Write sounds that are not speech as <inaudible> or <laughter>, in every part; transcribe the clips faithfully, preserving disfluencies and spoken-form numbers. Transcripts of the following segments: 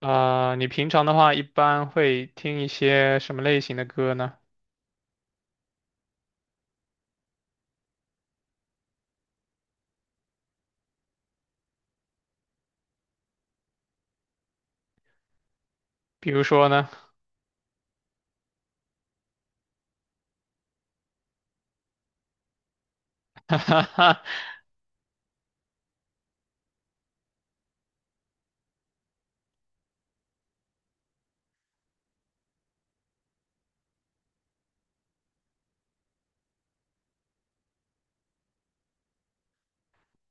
啊，你平常的话一般会听一些什么类型的歌呢？比如说呢？<laughs> 哈哈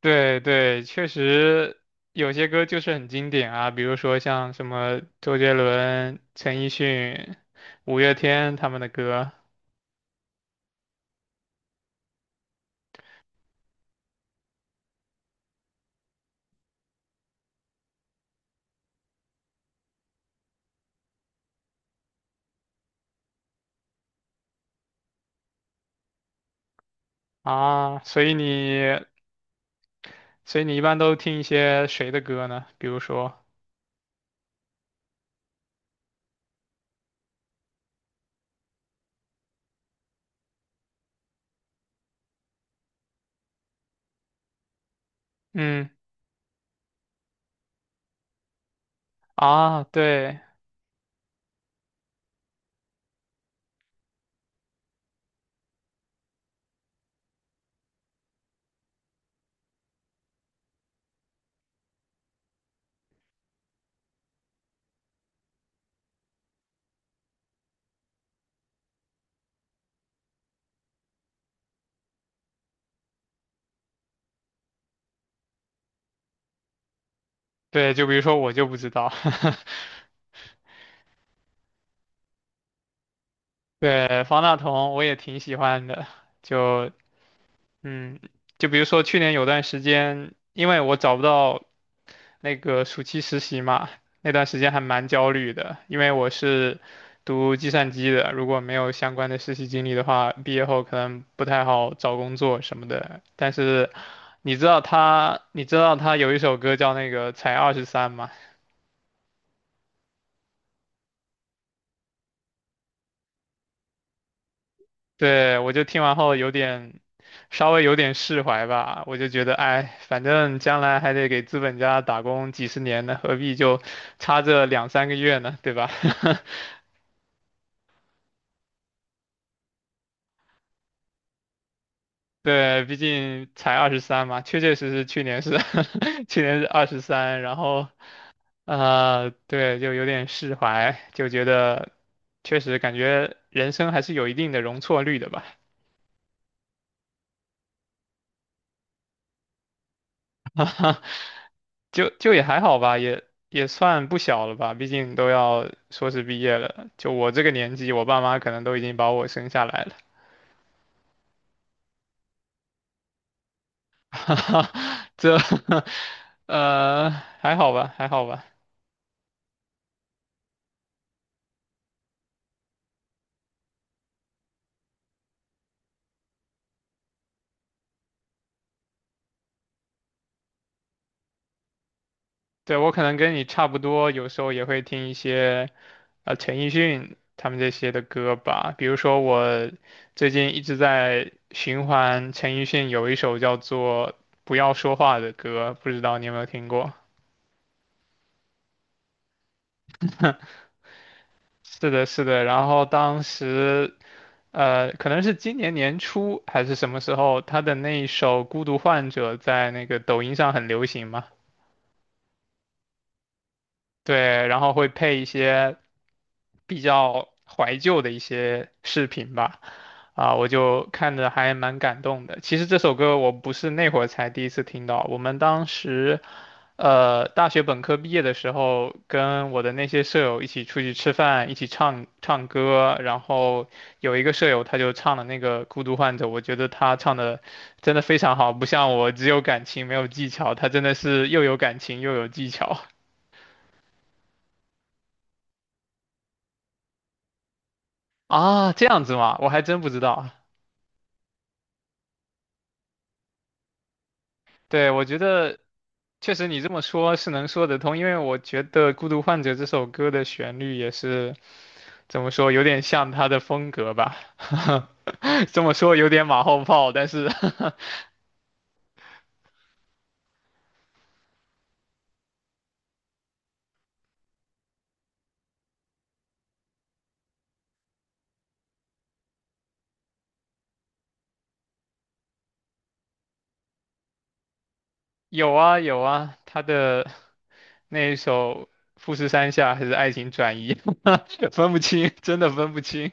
对对，确实有些歌就是很经典啊，比如说像什么周杰伦、陈奕迅、五月天他们的歌啊，所以你所以你一般都听一些谁的歌呢？比如说，嗯啊，对对，就比如说我就不知道，<laughs> 对，方大同我也挺喜欢的，就嗯，就比如说去年有段时间，因为我找不到那个暑期实习嘛，那段时间还蛮焦虑的，因为我是读计算机的，如果没有相关的实习经历的话，毕业后可能不太好找工作什么的。但是你知道他，你知道他有一首歌叫那个才二十三吗？对，我就听完后有点，稍微有点释怀吧。我就觉得，哎，反正将来还得给资本家打工几十年呢，何必就差这两三个月呢，对吧？<laughs> 对，毕竟才二十三嘛，确确实实去年是 <laughs> 去年是二十三，然后啊，对，就有点释怀，就觉得确实感觉人生还是有一定的容错率的吧。<laughs> 就就也还好吧，也也算不小了吧，毕竟都要硕士毕业了。就我这个年纪，我爸妈可能都已经把我生下来了，<laughs> 这 <laughs> 呃还好吧，还好吧。对，我可能跟你差不多，有时候也会听一些呃陈奕迅他们这些的歌吧，比如说我最近一直在循环陈奕迅有一首叫做《不要说话》的歌，不知道你有没有听过？是的，是的。然后当时，呃，可能是今年年初还是什么时候，他的那一首《孤独患者》在那个抖音上很流行嘛。对，然后会配一些比较怀旧的一些视频吧，啊，我就看着还蛮感动的。其实这首歌我不是那会儿才第一次听到，我们当时，呃，大学本科毕业的时候，跟我的那些舍友一起出去吃饭，一起唱唱歌，然后有一个舍友他就唱了那个《孤独患者》，我觉得他唱的真的非常好，不像我只有感情没有技巧，他真的是又有感情又有技巧。啊，这样子吗？我还真不知道。对，我觉得确实你这么说是能说得通，因为我觉得《孤独患者》这首歌的旋律也是怎么说，有点像他的风格吧。<laughs> 这么说有点马后炮，但是 <laughs> 有啊有啊，他的那一首《富士山下》还是《爱情转移》，<laughs> 分不清，真的分不清。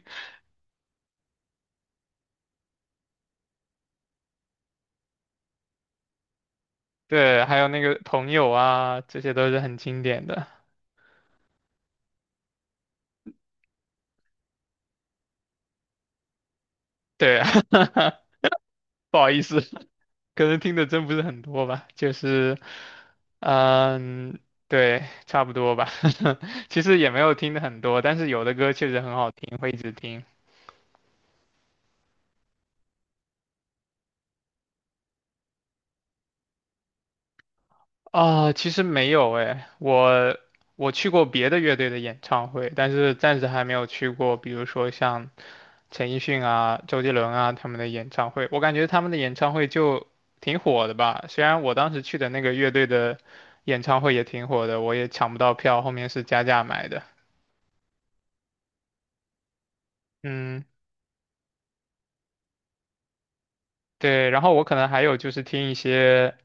对，还有那个朋友啊，这些都是很经典的。对，<laughs> 不好意思。可能听的真不是很多吧，就是，嗯，对，差不多吧。<laughs> 其实也没有听的很多，但是有的歌确实很好听，会一直听。啊、其实没有诶，我我去过别的乐队的演唱会，但是暂时还没有去过，比如说像陈奕迅啊、周杰伦啊他们的演唱会，我感觉他们的演唱会就挺火的吧。虽然我当时去的那个乐队的演唱会也挺火的，我也抢不到票，后面是加价买的。嗯。对，然后我可能还有就是听一些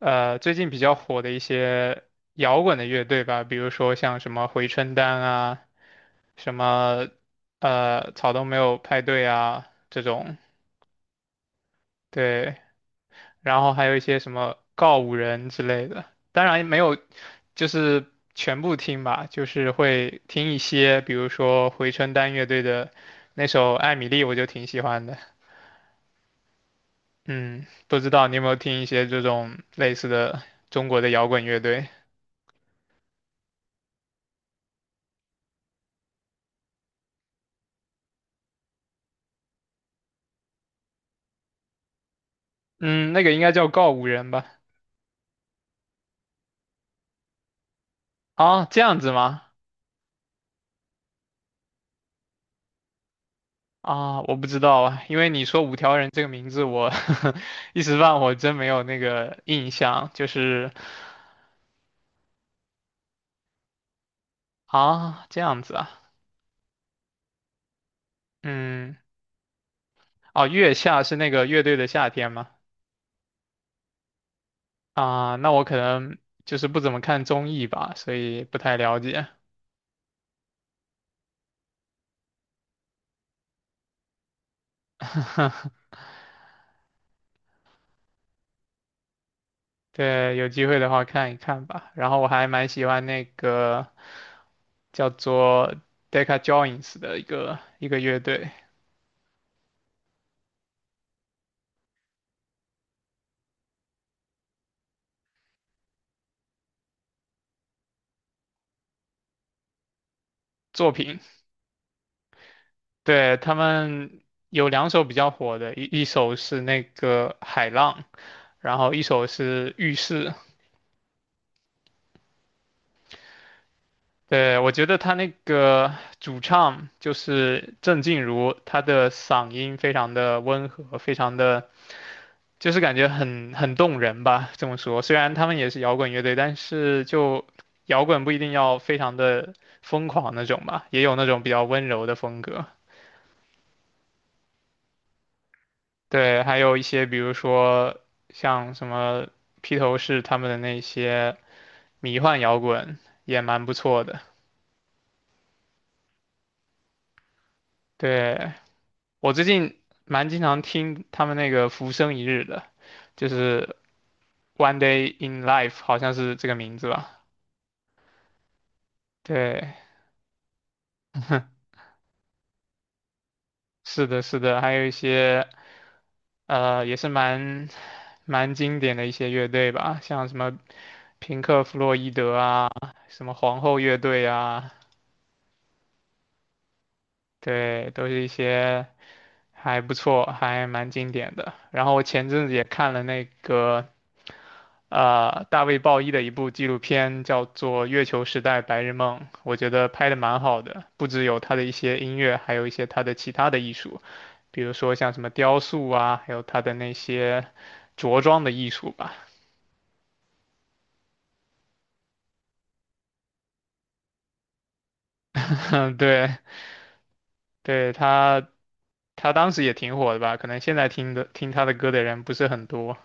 呃最近比较火的一些摇滚的乐队吧，比如说像什么回春丹啊，什么呃草东没有派对啊这种，对，然后还有一些什么告五人之类的，当然没有就是全部听吧，就是会听一些，比如说回春丹乐队的那首《艾米丽》，我就挺喜欢的。嗯，不知道你有没有听一些这种类似的中国的摇滚乐队？嗯，那个应该叫告五人吧？啊，这样子吗？啊，我不知道啊，因为你说五条人这个名字，我 <laughs> 一时半会儿真没有那个印象。就是啊，这样子啊，嗯，哦，月下是那个乐队的夏天吗？啊，那我可能就是不怎么看综艺吧，所以不太了解。<laughs> 对，有机会的话看一看吧。然后我还蛮喜欢那个。叫做 Decca Joins 的一个一个乐队作品。对，他们有两首比较火的，一一首是那个海浪，然后一首是浴室。对，我觉得他那个主唱就是郑静茹，她的嗓音非常的温和，非常的就是感觉很很动人吧。这么说，虽然他们也是摇滚乐队，但是就摇滚不一定要非常的疯狂那种吧，也有那种比较温柔的风格。对，还有一些比如说像什么披头士他们的那些迷幻摇滚也蛮不错的。对，我最近蛮经常听他们那个《浮生一日》的，就是《One Day in Life》，好像是这个名字吧？对，是的，是的，还有一些呃，也是蛮蛮经典的一些乐队吧，像什么平克·弗洛伊德啊，什么皇后乐队啊，对，都是一些。还不错，还蛮经典的。然后我前阵子也看了那个呃大卫鲍伊的一部纪录片，叫做《月球时代白日梦》，我觉得拍的蛮好的，不只有他的一些音乐，还有一些他的其他的艺术，比如说像什么雕塑啊，还有他的那些着装的艺术吧。<laughs> 对，对他他当时也挺火的吧，可能现在听的听他的歌的人不是很多。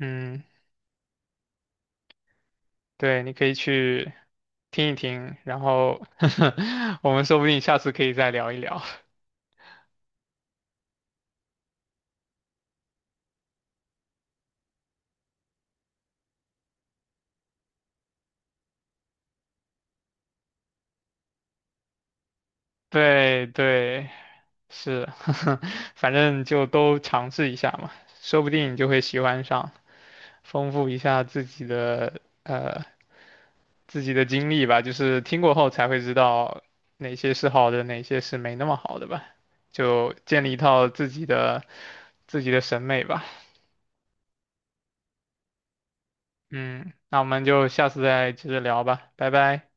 嗯。对，你可以去听一听，然后 <laughs> 我们说不定下次可以再聊一聊。对对，是，<laughs> 反正就都尝试一下嘛，说不定你就会喜欢上，丰富一下自己的呃自己的经历吧，就是听过后才会知道哪些是好的，哪些是没那么好的吧，就建立一套自己的自己的审美吧。嗯，那我们就下次再接着聊吧，拜拜。